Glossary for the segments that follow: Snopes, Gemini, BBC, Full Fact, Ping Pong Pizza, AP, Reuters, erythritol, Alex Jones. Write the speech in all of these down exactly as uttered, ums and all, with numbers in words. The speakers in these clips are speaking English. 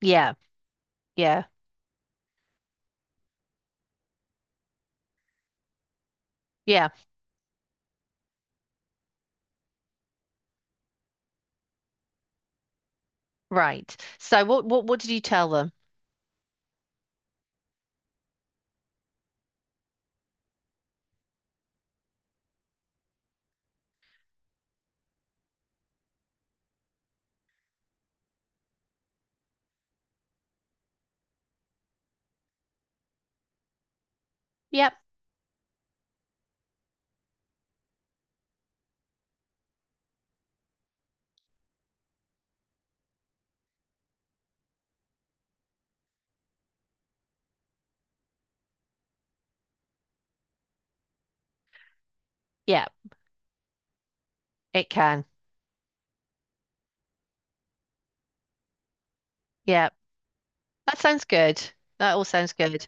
Yeah, yeah, yeah, right. So what what what did you tell them? Yep, yep, it can. Yep. That sounds good. That all sounds good.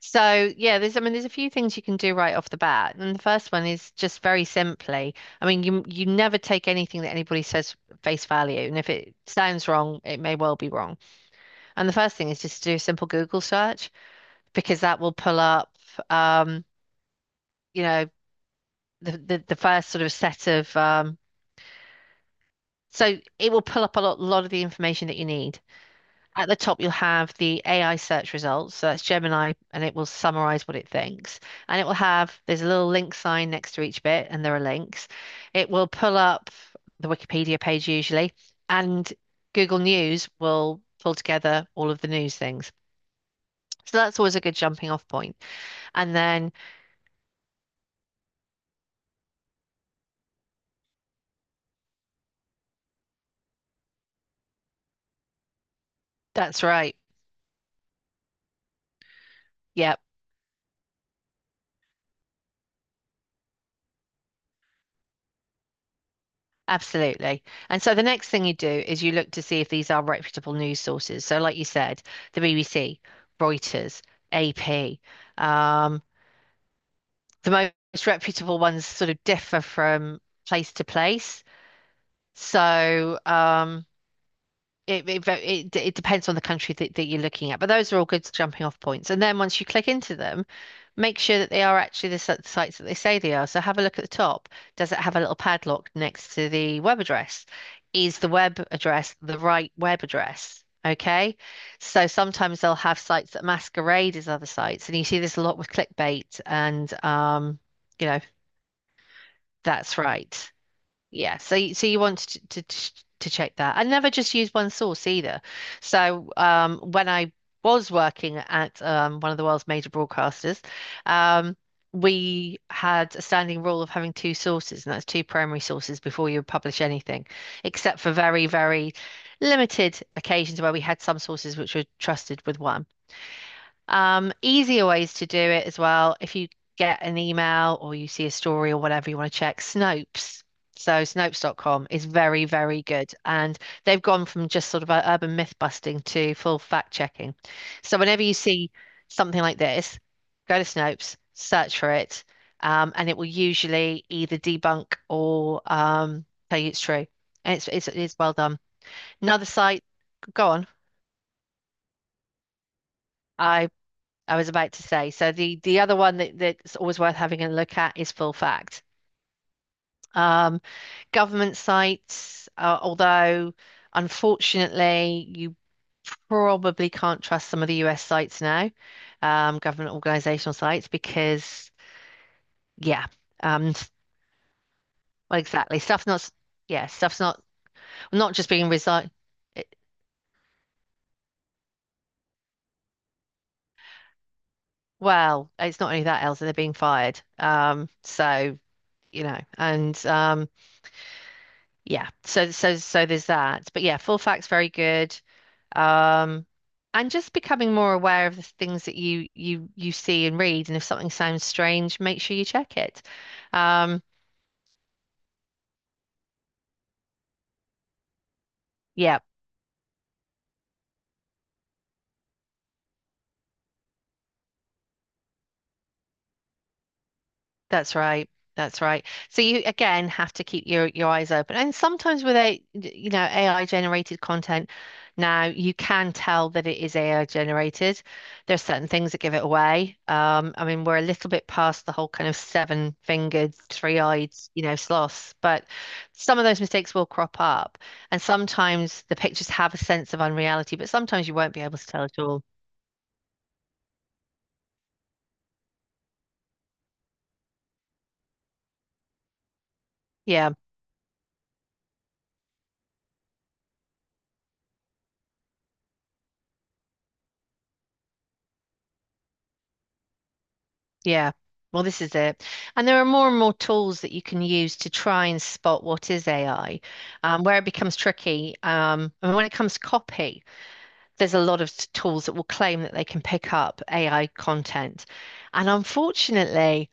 So yeah, there's I mean there's a few things you can do right off the bat. And the first one is just very simply. I mean, you you never take anything that anybody says face value. And if it sounds wrong, it may well be wrong. And the first thing is just to do a simple Google search, because that will pull up um, you know, the, the, the first sort of set of um, so it will pull up a lot, lot of the information that you need. At the top, you'll have the A I search results. So that's Gemini, and it will summarize what it thinks. And it will have, there's a little link sign next to each bit, and there are links. It will pull up the Wikipedia page usually, and Google News will pull together all of the news things. So that's always a good jumping off point. And then that's right. Yeah, absolutely. And so the next thing you do is you look to see if these are reputable news sources. So, like you said, the B B C, Reuters, A P. Um, the most reputable ones sort of differ from place to place. So, um, it, it, it, it depends on the country that, that you're looking at. But those are all good jumping off points. And then once you click into them, make sure that they are actually the si- sites that they say they are. So have a look at the top. Does it have a little padlock next to the web address? Is the web address the right web address? Okay. So sometimes they'll have sites that masquerade as other sites. And you see this a lot with clickbait and um, you know, that's right. Yeah, so y- so you want to, to ch- to check that. I never just use one source either. So um, when I was working at um, one of the world's major broadcasters, um, we had a standing rule of having two sources, and that's two primary sources before you publish anything, except for very, very limited occasions where we had some sources which were trusted with one. Um, easier ways to do it as well. If you get an email or you see a story or whatever you want to check, Snopes. So Snopes dot com is very, very good. And they've gone from just sort of a urban myth busting to full fact checking. So whenever you see something like this, go to Snopes, search for it, um, and it will usually either debunk or um, tell you it's true. And it's, it's, it's well done. Another site, go on. I I was about to say. So the the other one that, that's always worth having a look at is Full Fact. Um, government sites, uh, although unfortunately you probably can't trust some of the U S sites now, um, government organizational sites, because, yeah, um, well, exactly. Stuff's not, s- yeah, stuff's not not just being resigned. It, Well, it's not only that, Elsa, they're being fired. Um, so, you know, and um, yeah. So so so there's that. But yeah, full fact's very good. Um, and just becoming more aware of the things that you you you see and read, and if something sounds strange, make sure you check it. Um, yeah. That's right. That's right. So you again have to keep your your eyes open. And sometimes with a you know A I generated content now you can tell that it is A I generated. There's certain things that give it away. Um, I mean we're a little bit past the whole kind of seven fingered, three eyed, you know, sloths, but some of those mistakes will crop up. And sometimes the pictures have a sense of unreality, but sometimes you won't be able to tell at all. Yeah. Yeah. Well, this is it. And there are more and more tools that you can use to try and spot what is A I. Um, where it becomes tricky, um, and when it comes to copy, there's a lot of t- tools that will claim that they can pick up A I content. And unfortunately,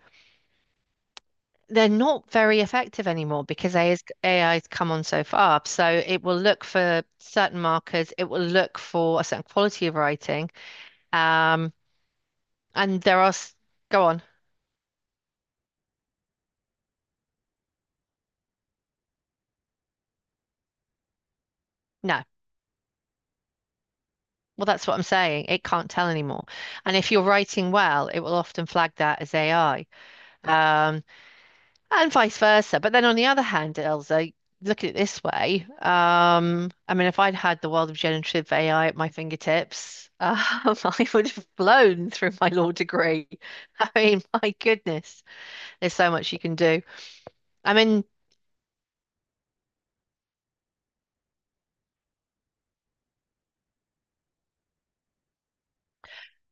they're not very effective anymore because A I is, A I's come on so far. So it will look for certain markers, it will look for a certain quality of writing. Um, and there are, s- go on. No. Well, that's what I'm saying. It can't tell anymore. And if you're writing well, it will often flag that as A I, um, and vice versa. But then on the other hand, Elsa, look at it this way. Um, I mean, if I'd had the world of generative A I at my fingertips, um, I would have blown through my law degree. I mean, my goodness, there's so much you can do. I mean,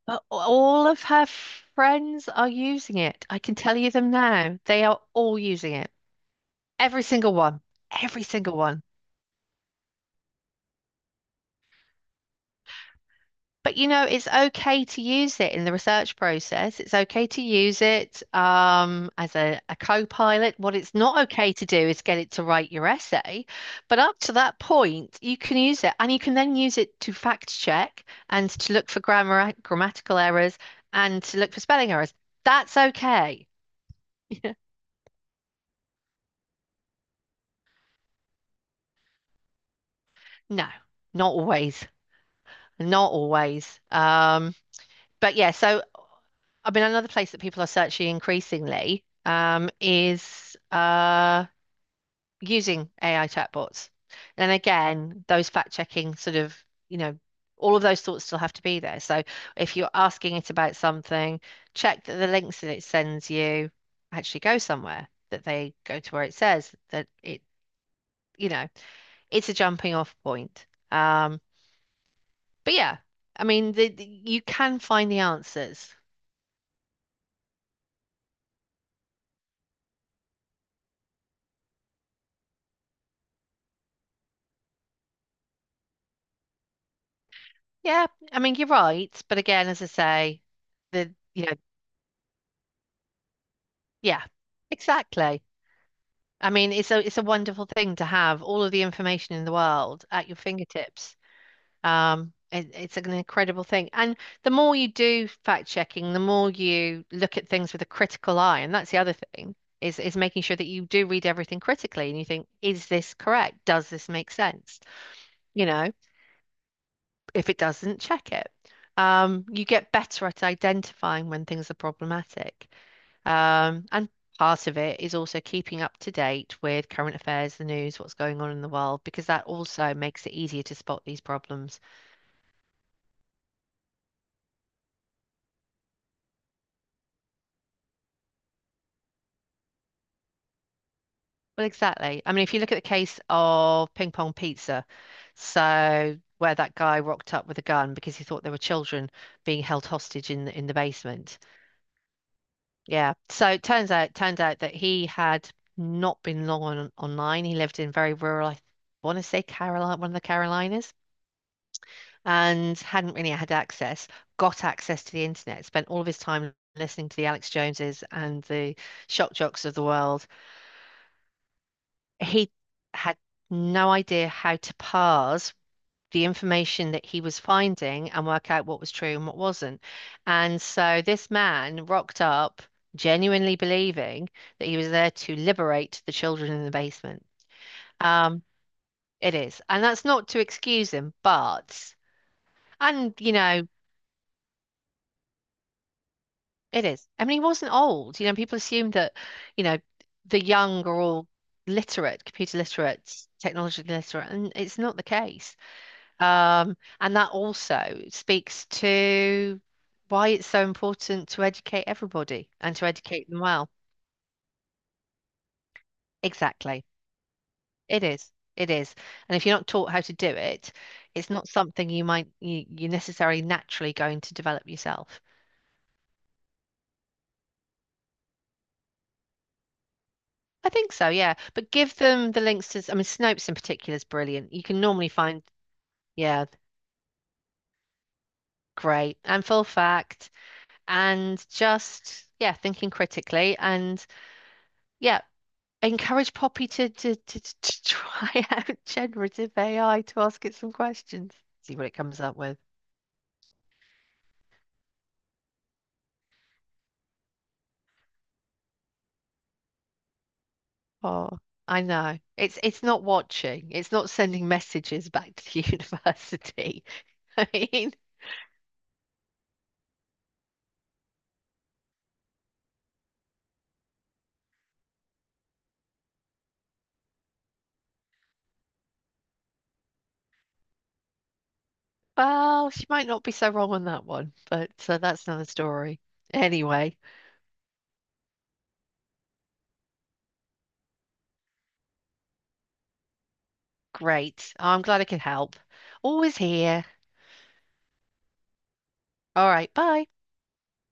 a- all of her friends are using it. I can tell you them now. They are all using it. Every single one. Every single one. But you know, it's okay to use it in the research process. It's okay to use it um, as a, a co-pilot. What it's not okay to do is get it to write your essay. But up to that point, you can use it, and you can then use it to fact check and to look for grammar grammatical errors and to look for spelling errors. That's okay. No, not always. Not always. Um, but yeah, so I mean, another place that people are searching increasingly um, is uh, using A I chatbots. And again, those fact checking sort of, you know, all of those thoughts still have to be there. So if you're asking it about something, check that the links that it sends you actually go somewhere, that they go to where it says that it. You know, it's a jumping off point. Um, but yeah, I mean, the, the- you can find the answers. Yeah, I mean you're right, but again, as I say, the you know, yeah, exactly. I mean, it's a it's a wonderful thing to have all of the information in the world at your fingertips. Um, it, it's an incredible thing, and the more you do fact checking, the more you look at things with a critical eye, and that's the other thing is is making sure that you do read everything critically, and you think, is this correct? Does this make sense? You know. If it doesn't, check it. Um, you get better at identifying when things are problematic. Um, and part of it is also keeping up to date with current affairs, the news, what's going on in the world, because that also makes it easier to spot these problems. Well, exactly. I mean, if you look at the case of Ping Pong Pizza, so where that guy rocked up with a gun because he thought there were children being held hostage in the, in the basement. Yeah. So it turns out turns out that he had not been long on online. He lived in very rural, I want to say Carolina, one of the Carolinas, and hadn't really had access, got access to the internet, spent all of his time listening to the Alex Joneses and the shock jocks of the world. He had no idea how to parse the information that he was finding and work out what was true and what wasn't. And so this man rocked up, genuinely believing that he was there to liberate the children in the basement. Um, it is. And that's not to excuse him, but, and, you know, it is. I mean, he wasn't old. You know, people assume that, you know, the young are all literate, computer literate, technology literate, and it's not the case. Um, and that also speaks to why it's so important to educate everybody and to educate them well. Exactly. It is. It is. And if you're not taught how to do it, it's not something you might you, you're necessarily naturally going to develop yourself. I think so, yeah. But give them the links to, I mean, Snopes in particular is brilliant. You can normally find, yeah, great and full fact and just, yeah, thinking critically and yeah. Encourage Poppy to, to, to, to try out generative A I to ask it some questions, see what it comes up with. Oh, I know. It's it's not watching. It's not sending messages back to the university. I mean, well, she might not be so wrong on that one, but so that's another story. Anyway, great. I'm glad I could help. Always here. All right, bye.